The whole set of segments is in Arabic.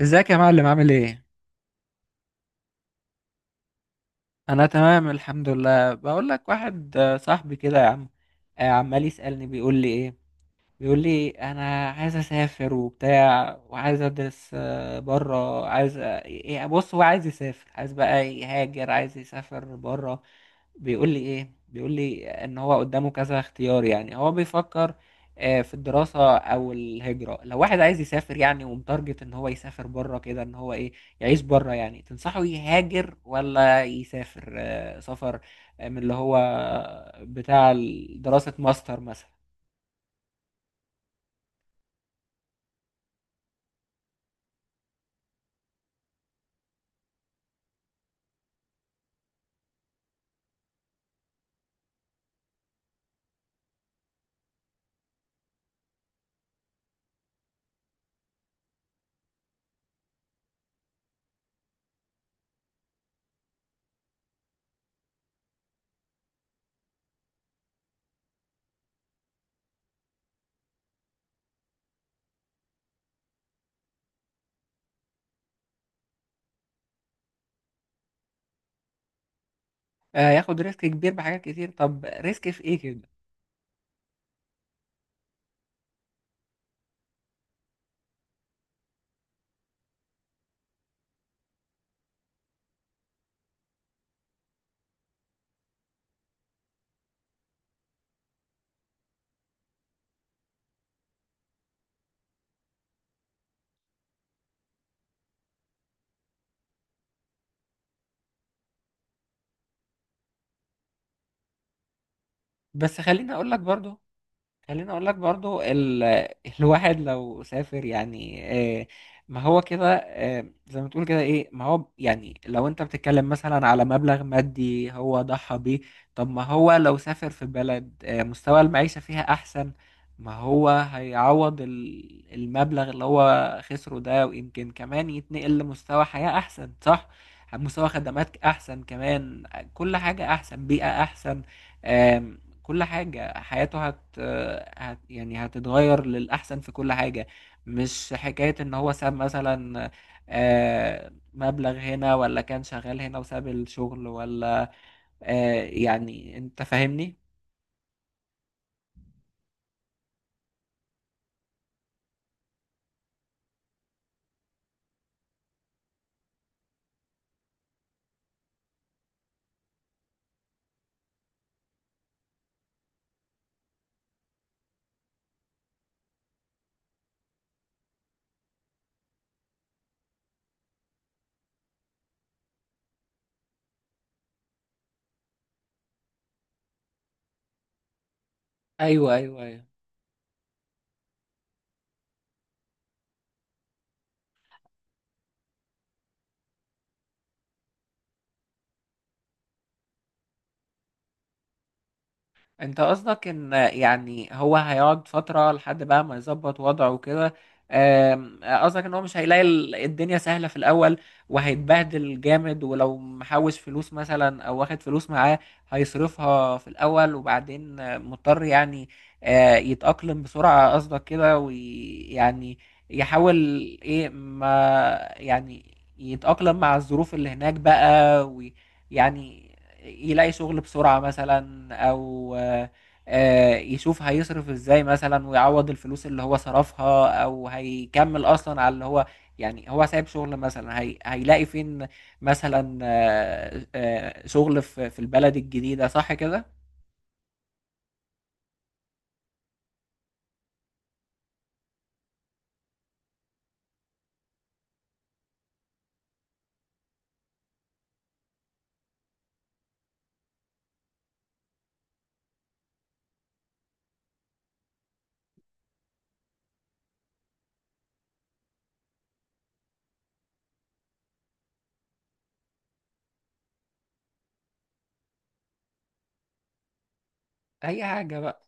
ازيك يا معلم؟ عامل ايه؟ انا تمام الحمد لله. بقول لك، واحد صاحبي كده يا عم، عمال يسألني، بيقول لي ايه، بيقول لي انا عايز اسافر وبتاع وعايز ادرس بره، عايز بص، هو عايز يسافر، عايز بقى يهاجر، عايز يسافر بره. بيقول لي ايه، بيقول لي ان هو قدامه كذا اختيار، يعني هو بيفكر في الدراسة او الهجرة. لو واحد عايز يسافر يعني ومتارجت ان هو يسافر بره كده، ان هو ايه، يعيش بره، يعني تنصحه يهاجر ولا يسافر؟ سفر من اللي هو بتاع دراسة ماستر مثلا. ياخد ريسك كبير بحاجات كتير. طب ريسك في ايه كده؟ بس خليني اقول لك برضو، خليني اقول لك برضو الواحد لو سافر يعني، آه، ما هو كده زي ما تقول كده ايه. ما هو يعني لو انت بتتكلم مثلا على مبلغ مادي هو ضحى بيه، طب ما هو لو سافر في بلد مستوى المعيشة فيها احسن، ما هو هيعوض المبلغ اللي هو خسره ده، ويمكن كمان يتنقل لمستوى حياة احسن، صح؟ مستوى خدمات احسن كمان، كل حاجة احسن، بيئة احسن، كل حاجة حياته هت... هت يعني هتتغير للأحسن في كل حاجة. مش حكاية إن هو ساب مثلا مبلغ هنا، ولا كان شغال هنا وساب الشغل، ولا يعني أنت فاهمني؟ ايوه ايوه ايوه. انت قصدك ان يعني هو هيقعد فترة لحد بقى ما يظبط وضعه وكده؟ قصدك ان هو مش هيلاقي الدنيا سهلة في الاول، وهيتبهدل جامد، ولو محوش فلوس مثلا او واخد فلوس معاه هيصرفها في الاول، وبعدين مضطر يعني يتأقلم بسرعة، قصدك كده؟ ويعني يحاول، ايه ما يعني، يتأقلم مع الظروف اللي هناك بقى، ويعني يلاقي شغل بسرعة مثلا، أو يشوف هيصرف ازاي مثلا، ويعوض الفلوس اللي هو صرفها، أو هيكمل أصلا على اللي هو، يعني هو سايب شغل مثلا، هي هيلاقي فين مثلا شغل في البلد الجديدة، صح كده؟ أي حاجة بقى.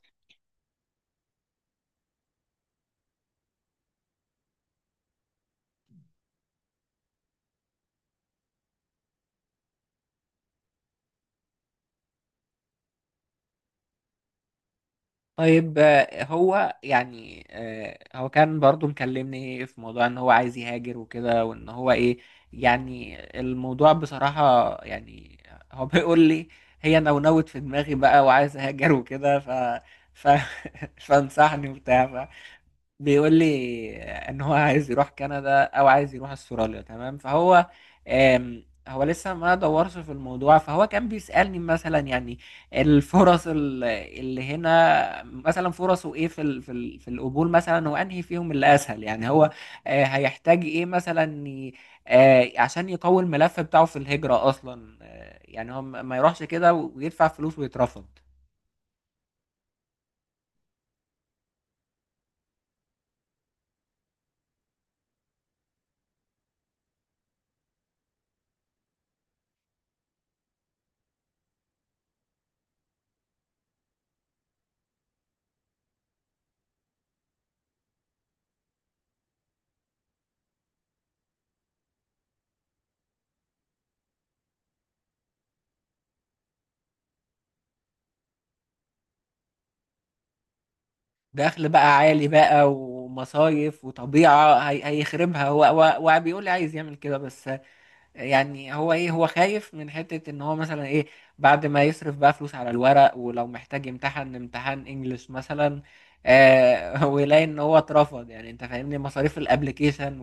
طيب هو يعني هو كان برضو مكلمني في موضوع ان هو عايز يهاجر وكده، وان هو ايه، يعني الموضوع بصراحة يعني، هو بيقول لي هي نونوت في دماغي بقى وعايز اهاجر وكده، ف ف فانصحني وبتاع. بيقول لي ان هو عايز يروح كندا او عايز يروح استراليا، تمام. فهو هو لسه ما دورش في الموضوع، فهو كان بيسألني مثلا يعني الفرص اللي هنا مثلا، فرصه ايه في القبول مثلا، وانهي فيهم اللي اسهل، يعني هو هيحتاج ايه مثلا عشان يقوي الملف بتاعه في الهجرة اصلا. يعني هو ما يروحش كده ويدفع فلوس ويترفض. دخل بقى عالي بقى، ومصايف وطبيعة هيخربها. هو بيقول لي عايز يعمل كده بس، يعني هو ايه، هو خايف من حتة ان هو مثلا ايه، بعد ما يصرف بقى فلوس على الورق، ولو محتاج امتحان انجليش مثلا ويلاقي ان هو اترفض، يعني انت فاهمني؟ مصاريف الابليكيشن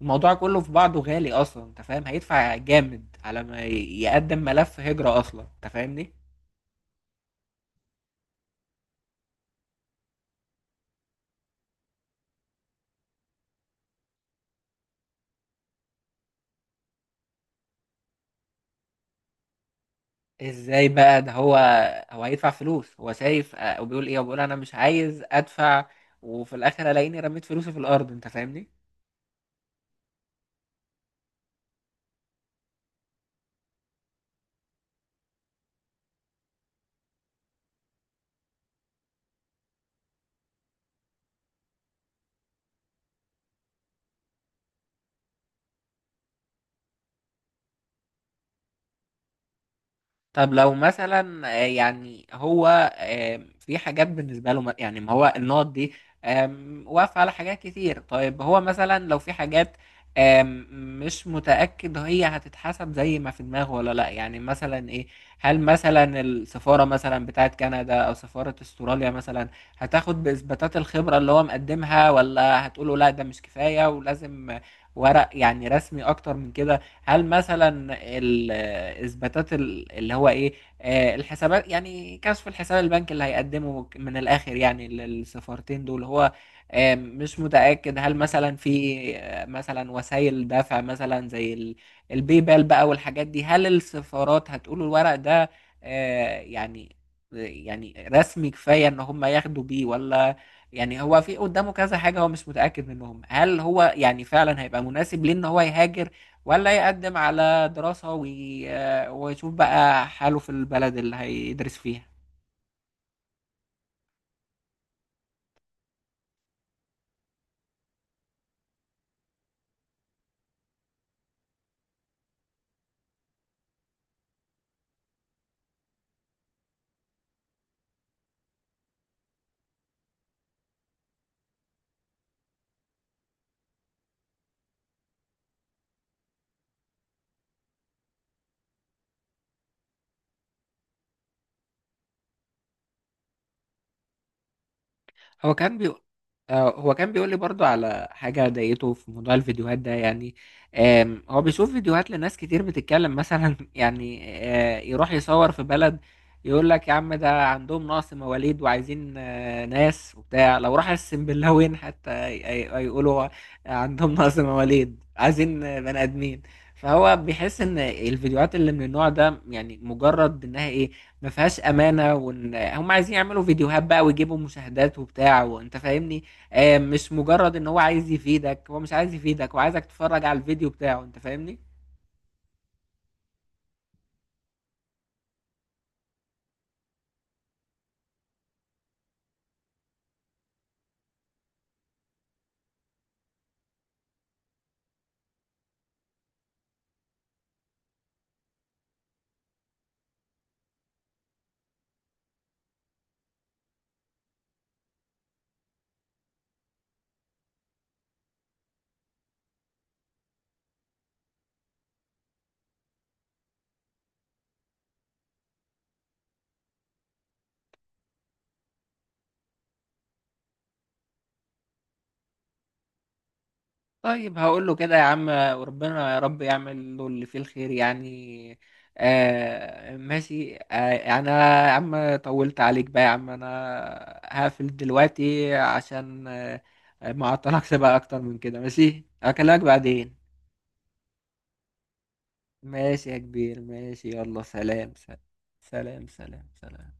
والموضوع كله في بعضه غالي اصلا، انت فاهم؟ هيدفع جامد على ما يقدم ملف هجرة اصلا، انت فاهمني؟ ازاي بقى ده، هو هيدفع فلوس، هو شايف وبيقول ايه، وبيقول انا مش عايز ادفع، وفي الاخر الاقيني رميت فلوسي في الارض، انت فاهمني؟ طب لو مثلا يعني هو في حاجات بالنسبة له يعني ما هو النقط دي واقفة على حاجات كتير. طيب هو مثلا لو في حاجات آم، مش متأكد هي هتتحسب زي ما في دماغه ولا لا، يعني مثلا ايه، هل مثلا السفارة مثلا بتاعت كندا او سفارة استراليا مثلا هتاخد بإثباتات الخبرة اللي هو مقدمها، ولا هتقوله لا، ده مش كفاية ولازم ورق يعني رسمي اكتر من كده؟ هل مثلا الاثباتات اللي هو ايه الحسابات، يعني كشف الحساب البنكي اللي هيقدمه من الاخر يعني للسفارتين دول، هو مش متأكد هل مثلا في مثلا وسائل دفع مثلا زي الباي بال بقى والحاجات دي، هل السفارات هتقول الورق ده يعني رسمي كفاية ان هم ياخدوا بيه ولا. يعني هو في قدامه كذا حاجة هو مش متأكد منهم، هل هو يعني فعلا هيبقى مناسب ليه ان هو يهاجر، ولا يقدم على دراسة ويشوف بقى حاله في البلد اللي هيدرس فيها. هو كان بيقول هو كان بيقول لي برضو على حاجة ضايقته في موضوع الفيديوهات ده، يعني هو بيشوف فيديوهات لناس كتير بتتكلم مثلا يعني يروح يصور في بلد، يقول لك يا عم ده عندهم نقص مواليد وعايزين ناس وبتاع، لو راح السنبلاوين حتى يقولوا عندهم نقص مواليد عايزين بني آدمين. فهو بيحس ان الفيديوهات اللي من النوع ده يعني مجرد انها ايه، ما فيهاش امانه، وان هم عايزين يعملوا فيديوهات بقى ويجيبوا مشاهدات وبتاع، وانت فاهمني؟ آه، مش مجرد ان هو عايز يفيدك، هو مش عايز يفيدك، هو عايزك تتفرج على الفيديو بتاعه، انت فاهمني؟ طيب هقول له كده يا عم، وربنا يا رب يعمل له اللي فيه الخير يعني. آه ماشي. آه، يعني انا يا عم طولت عليك بقى، يا عم انا هقفل دلوقتي عشان ما اعطلكش بقى اكتر من كده. ماشي، اكلمك بعدين. ماشي يا كبير، ماشي، يلا سلام سلام سلام سلام سلام.